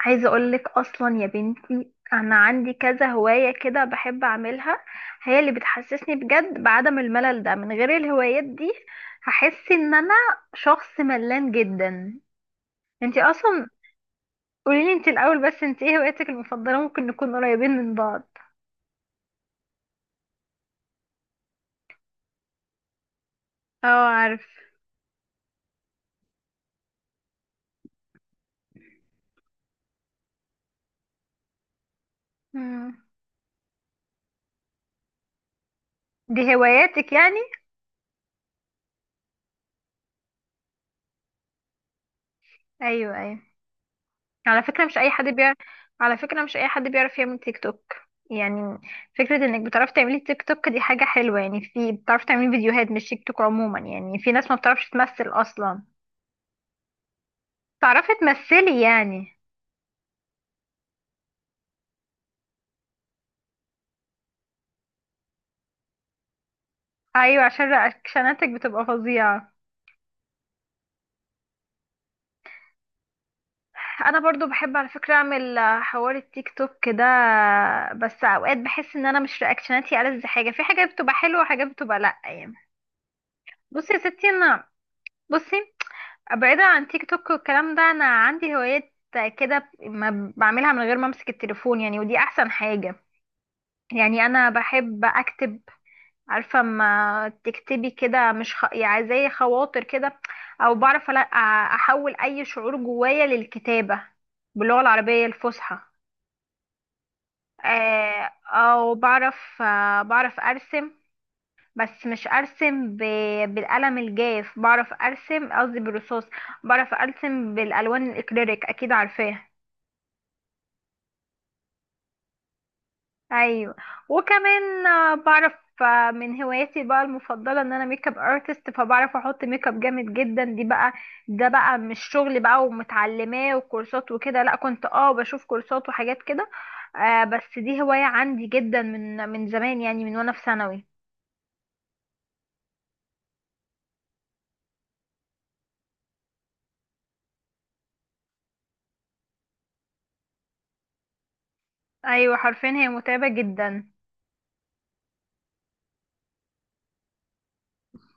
عايزة اقولك اصلا يا بنتي انا عندي كذا هواية كده بحب اعملها. هي اللي بتحسسني بجد بعدم الملل ده من غير الهوايات دي هحس ان انا شخص ملان جدا. انتي اصلا قوليلي انتي الاول، بس انتي ايه هواياتك المفضلة؟ ممكن نكون قريبين من بعض. اه عارف. مم. دي هواياتك يعني؟ ايوه ايوه. على فكرة مش أي حد بيعرف، على فكرة مش أي حد بيعرف يعمل تيك توك يعني. فكرة إنك بتعرفي تعملي تيك توك دي حاجة حلوة، يعني في بتعرفي تعملي فيديوهات مش تيك توك عموما، يعني في ناس ما بتعرفش تمثل أصلا. تعرفي تمثلي يعني. أيوة، عشان رياكشناتك بتبقى فظيعة. أنا برضو بحب على فكرة أعمل حوار التيك توك ده. بس أوقات بحس إن أنا مش رياكشناتي ألذ حاجة، في حاجات بتبقى حلوة وحاجات بتبقى لأ يعني. بصي يا ستي أنا، بصي، بعيدا عن تيك توك والكلام ده انا عندي هوايات كده ما بعملها من غير ما امسك التليفون يعني، ودي احسن حاجة. يعني انا بحب اكتب. عارفة ما تكتبي كده مش خ... يعني زي خواطر كده، او بعرف احول اي شعور جوايا للكتابة باللغة العربية الفصحى. او بعرف، بعرف ارسم، بس مش ارسم ب... بالقلم الجاف بعرف ارسم، قصدي بالرصاص. بعرف ارسم بالالوان الاكريليك، اكيد عارفاها. ايوه. وكمان بعرف، من هواياتي بقى المفضله ان انا ميك اب ارتست، فبعرف احط ميك اب جامد جدا دي بقى. ده بقى مش شغل بقى ومتعلماه وكورسات وكده، لا كنت اه بشوف كورسات وحاجات كده. آه بس دي هوايه عندي جدا من زمان، يعني من وانا في ثانوي. ايوه حرفيا هي متعبه جدا.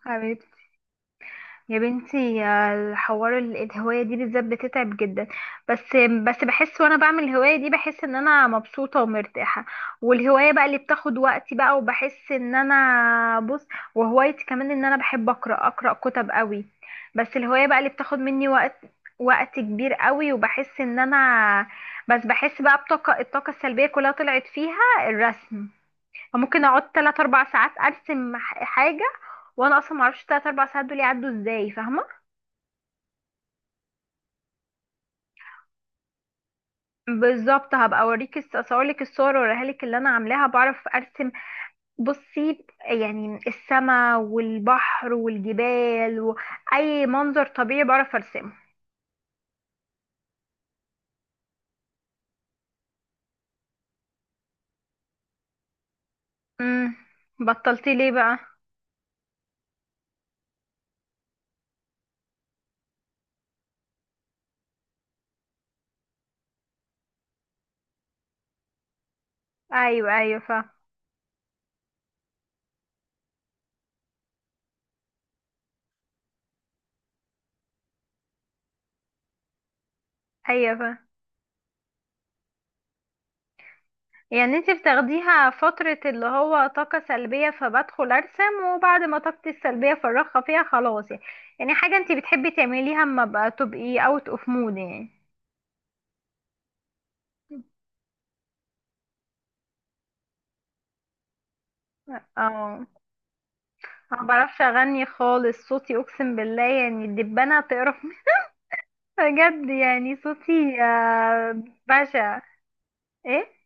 حبيبتي يا بنتي الحوار الهواية دي بالذات بتتعب جدا. بس بس بحس وانا بعمل الهواية دي بحس ان انا مبسوطة ومرتاحة. والهواية بقى اللي بتاخد وقتي بقى، وبحس ان انا بص. وهوايتي كمان ان انا بحب اقرأ، اقرأ كتب قوي. بس الهواية بقى اللي بتاخد مني وقت كبير قوي، وبحس ان انا، بس بحس بقى الطاقة السلبية كلها طلعت فيها الرسم. ممكن اقعد 3 4 ساعات ارسم حاجة، وانا اصلا معرفش 3 4 ساعات دول يعدوا ازاي، فاهمة. بالظبط، هبقى اوريك اصورلك الصور واوريها لك اللي انا عاملاها. بعرف ارسم بصي يعني السماء والبحر والجبال واي منظر طبيعي بعرف ارسمه. امم بطلتي ليه بقى؟ ايوه ايوه ايوه فا يعني انت بتاخديها فترة اللي هو طاقة سلبية فبدخل ارسم، وبعد ما طاقتي السلبية فرغها فيها خلاص يعني؟ يعني حاجة انت بتحبي تعمليها اما بقى تبقي اوت اوف مود يعني. اه. ما بعرفش اغني خالص، صوتي اقسم بالله يعني الدبانه تقرف مني. بجد يعني صوتي بشع. ايه؟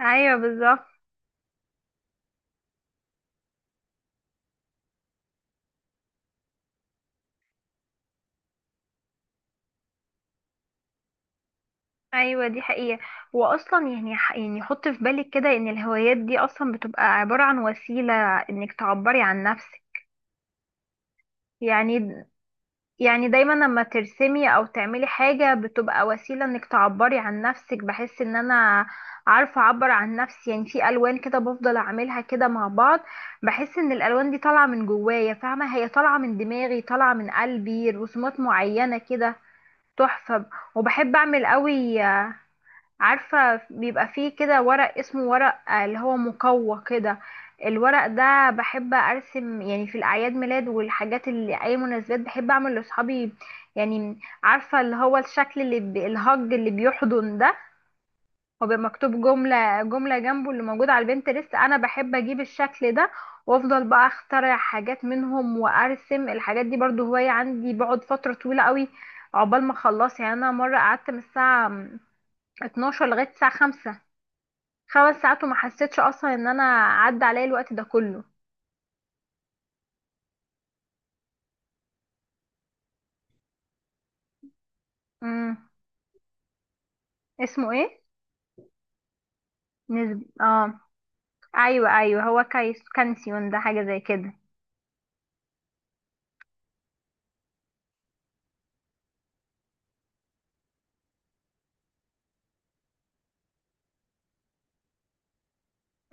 ايوه بالظبط. ايوه دي حقيقه. واصلا يعني يعني حط في بالك كده ان الهوايات دي اصلا بتبقى عباره عن وسيله انك تعبري عن نفسك. يعني، يعني دايما لما ترسمي او تعملي حاجة بتبقى وسيلة انك تعبري عن نفسك. بحس ان انا عارفة اعبر عن نفسي يعني في الوان كده بفضل اعملها كده مع بعض. بحس ان الالوان دي طالعة من جوايا فاهمة، هي طالعة من دماغي، طالعة من قلبي، رسومات معينة كده. تحفة. وبحب اعمل قوي. عارفة بيبقى فيه كده ورق، اسمه ورق اللي هو مقوى كده. الورق ده بحب ارسم، يعني في الاعياد ميلاد والحاجات اللي اي مناسبات بحب اعمل لاصحابي. يعني عارفة اللي هو الشكل الهج اللي بيحضن ده. هو بيبقى مكتوب جملة جملة جنبه، اللي موجود على البنترست انا بحب اجيب الشكل ده، وافضل بقى اخترع حاجات منهم وارسم الحاجات دي. برضو هواية عندي، بقعد فترة طويلة قوي عقبال ما اخلص، يعني انا مرة قعدت من الساعة 12 لغاية الساعة 5، خمس ساعات وما حسيتش اصلا ان انا عدى عليا الوقت ده كله. امم. اسمه ايه؟ نسبي اه. ايوه ايوه، هو كايس كانسيون ده حاجه زي كده.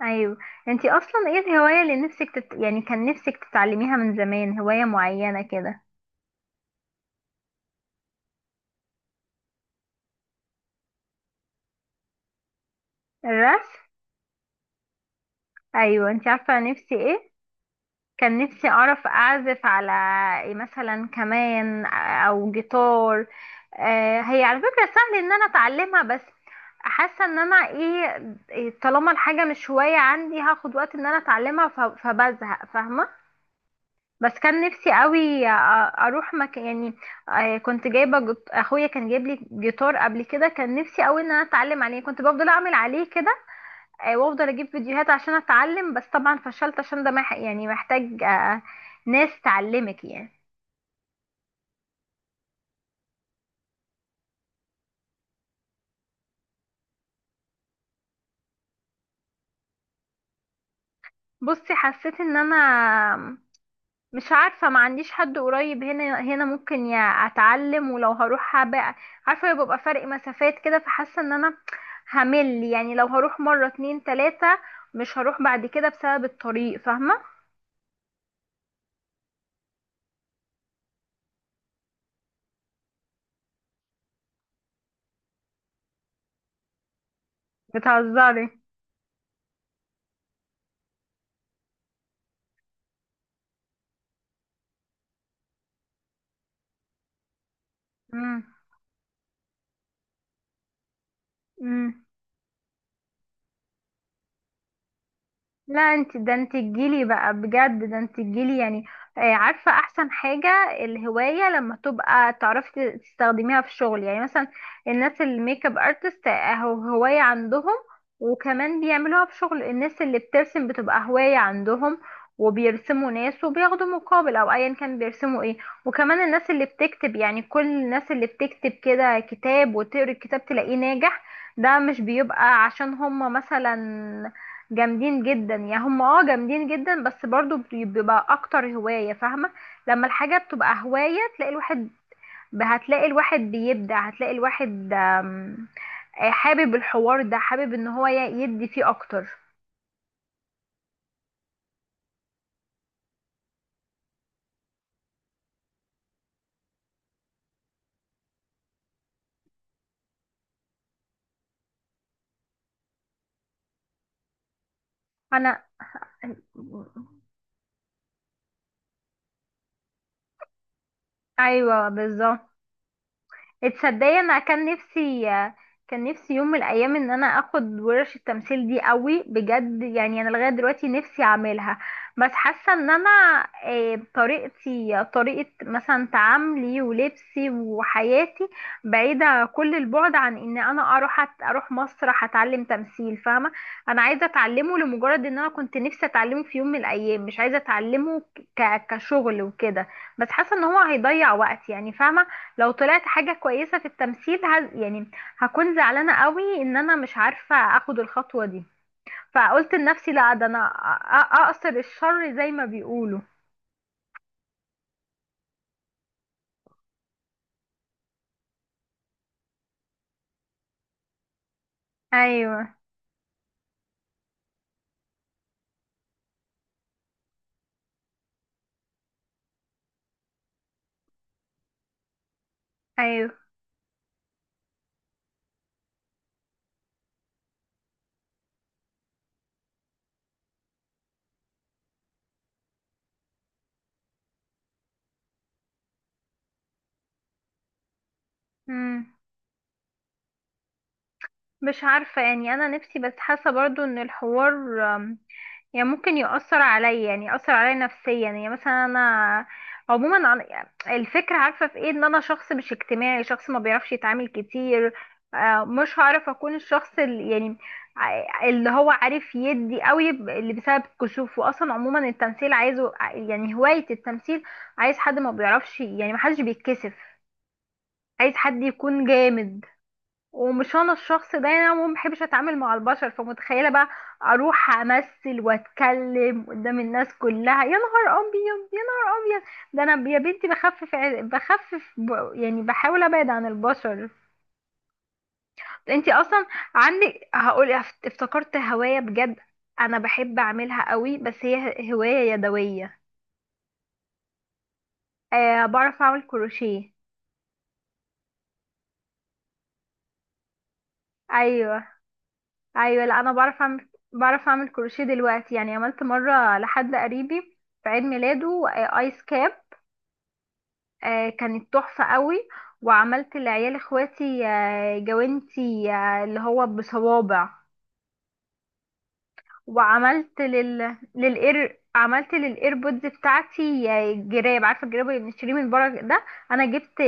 ايوه. انتي اصلا ايه الهوايه اللي نفسك يعني كان نفسك تتعلميها من زمان، هوايه معينه كده؟ الرسم؟ ايوه. انتي عارفه نفسي ايه؟ كان نفسي أعرف أعزف على إيه مثلا، كمان، أو جيتار. هي على فكرة سهل إن أنا أتعلمها، بس حاسة إن أنا إيه إيه، طالما الحاجة مش هواية عندي هاخد وقت إن أنا أتعلمها، فبزهق فاهمة. بس كان نفسي قوي أروح مكان يعني. كنت جايبة أخويا كان جايب لي جيتار قبل كده، كان نفسي قوي إن أنا أتعلم عليه، كنت بفضل أعمل عليه كده. وافضل اجيب فيديوهات عشان اتعلم، بس طبعا فشلت عشان ده يعني محتاج ناس تعلمك يعني. بصي حسيت ان انا مش عارفه، ما عنديش حد قريب هنا ممكن يا اتعلم، ولو هروح بقى عارفه بيبقى فرق مسافات كده، فحاسه ان انا همل، يعني لو هروح مره اتنين تلاته مش هروح بعد كده بسبب الطريق، فاهمه. بتهزري؟ امم لا انت ده، انت تجيلي بقى بجد، ده انت تجيلي يعني. عارفة احسن حاجة الهواية لما تبقى تعرفي تستخدميها في الشغل، يعني مثلا الناس الميك اب ارتست اهو هواية عندهم وكمان بيعملوها في شغل. الناس اللي بترسم بتبقى هواية عندهم، وبيرسموا ناس وبياخدوا مقابل او ايا كان بيرسموا ايه. وكمان الناس اللي بتكتب، يعني كل الناس اللي بتكتب كده كتاب وتقري الكتاب تلاقيه ناجح، ده مش بيبقى عشان هم مثلا جامدين جدا، يعني هم اه جامدين جدا بس برضو بيبقى اكتر هواية فاهمة. لما الحاجة بتبقى هواية تلاقي الواحد هتلاقي الواحد بيبدع، هتلاقي الواحد حابب الحوار ده، حابب ان هو يدي فيه اكتر. انا، ايوه بالظبط. اتصدقي انا كان نفسي، كان نفسي يوم من الايام ان انا اخد ورش التمثيل دي قوي بجد. يعني انا لغايه دلوقتي نفسي اعملها، بس حاسه ان انا طريقتي، طريقه مثلا تعاملي ولبسي وحياتي بعيده كل البعد عن ان انا اروح اروح مسرح اتعلم تمثيل فاهمه. انا عايزه اتعلمه لمجرد ان انا كنت نفسي اتعلمه في يوم من الايام، مش عايزه اتعلمه كشغل وكده. بس حاسه ان هو هيضيع وقت يعني فاهمه. لو طلعت حاجة كويسة في التمثيل يعني هكون زعلانة قوي ان انا مش عارفة اخد الخطوة دي، فقلت لنفسي لا، ده انا اقصر الشر زي ما بيقولوا. ايوه ايوه. امم، مش عارفة يعني، أنا نفسي بس حاسة برضو إن الحوار أم، يعني ممكن يؤثر عليا، يعني يؤثر عليا نفسيا، يعني مثلا أنا عموما يعني الفكرة عارفة في إيه، إن أنا شخص مش اجتماعي، شخص ما بيعرفش يتعامل كتير. مش هعرف أكون الشخص اللي يعني اللي هو عارف يدي قوي اللي بسبب كسوفه أصلا. عموما التمثيل عايزه يعني هواية التمثيل عايز حد ما بيعرفش يعني، ما حدش بيتكسف، عايز حد يكون جامد. ومش انا الشخص ده يعني، انا ما بحبش اتعامل مع البشر، فمتخيله بقى اروح امثل واتكلم قدام الناس كلها؟ يا نهار ابيض يا نهار ابيض. ده انا يا بنتي بخفف بخفف يعني بحاول ابعد عن البشر. انتي اصلا عندك، هقول افتكرت هوايه بجد انا بحب اعملها قوي، بس هي هوايه يدويه. أه بعرف اعمل كروشيه. ايوه ايوه. لا انا بعرف اعمل، كروشيه دلوقتي، يعني عملت مره لحد قريبي في عيد ميلاده ايس كاب، كانت تحفه قوي. وعملت لعيال اخواتي جوانتي اللي هو بصوابع. وعملت للاير، عملت للايربودز بتاعتي جراب. عارفه الجراب اللي بنشتريه من بره ده، انا جبت،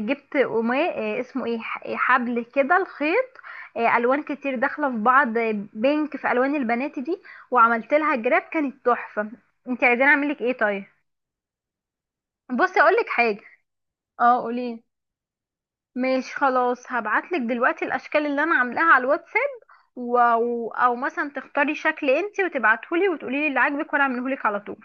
جبت قماش اسمه ايه حبل كده، الخيط. الوان كتير داخله في بعض، بينك في الوان البنات دي، وعملت لها جراب كانت تحفه. انت عايزين اعمل لك ايه طيب؟ بصي اقول لك حاجه. اه قولي. ماشي خلاص، هبعت لك دلوقتي الاشكال اللي انا عاملاها على الواتساب، او او مثلا تختاري شكل انتي وتبعتهولي وتقولي لي اللي عاجبك وانا اعملهولك على طول.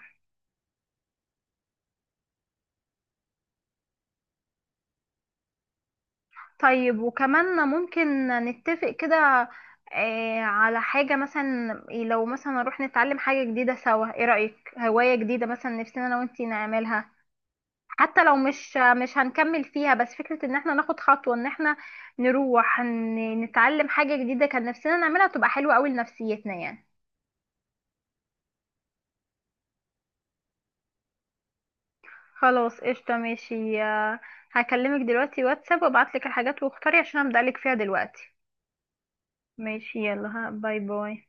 طيب، وكمان ممكن نتفق كده على حاجة مثلا لو مثلا نروح نتعلم حاجة جديدة سوا، ايه رأيك؟ هواية جديدة مثلا نفسنا انا وانتي نعملها، حتى لو مش هنكمل فيها، بس فكرة ان احنا ناخد خطوة ان احنا نروح نتعلم حاجة جديدة كان نفسنا نعملها تبقى حلوة قوي لنفسيتنا يعني. خلاص قشطة ماشي. هكلمك دلوقتي واتساب وابعتلك الحاجات واختاري عشان ابدألك فيها دلوقتي. ماشي يلا، ها باي باي.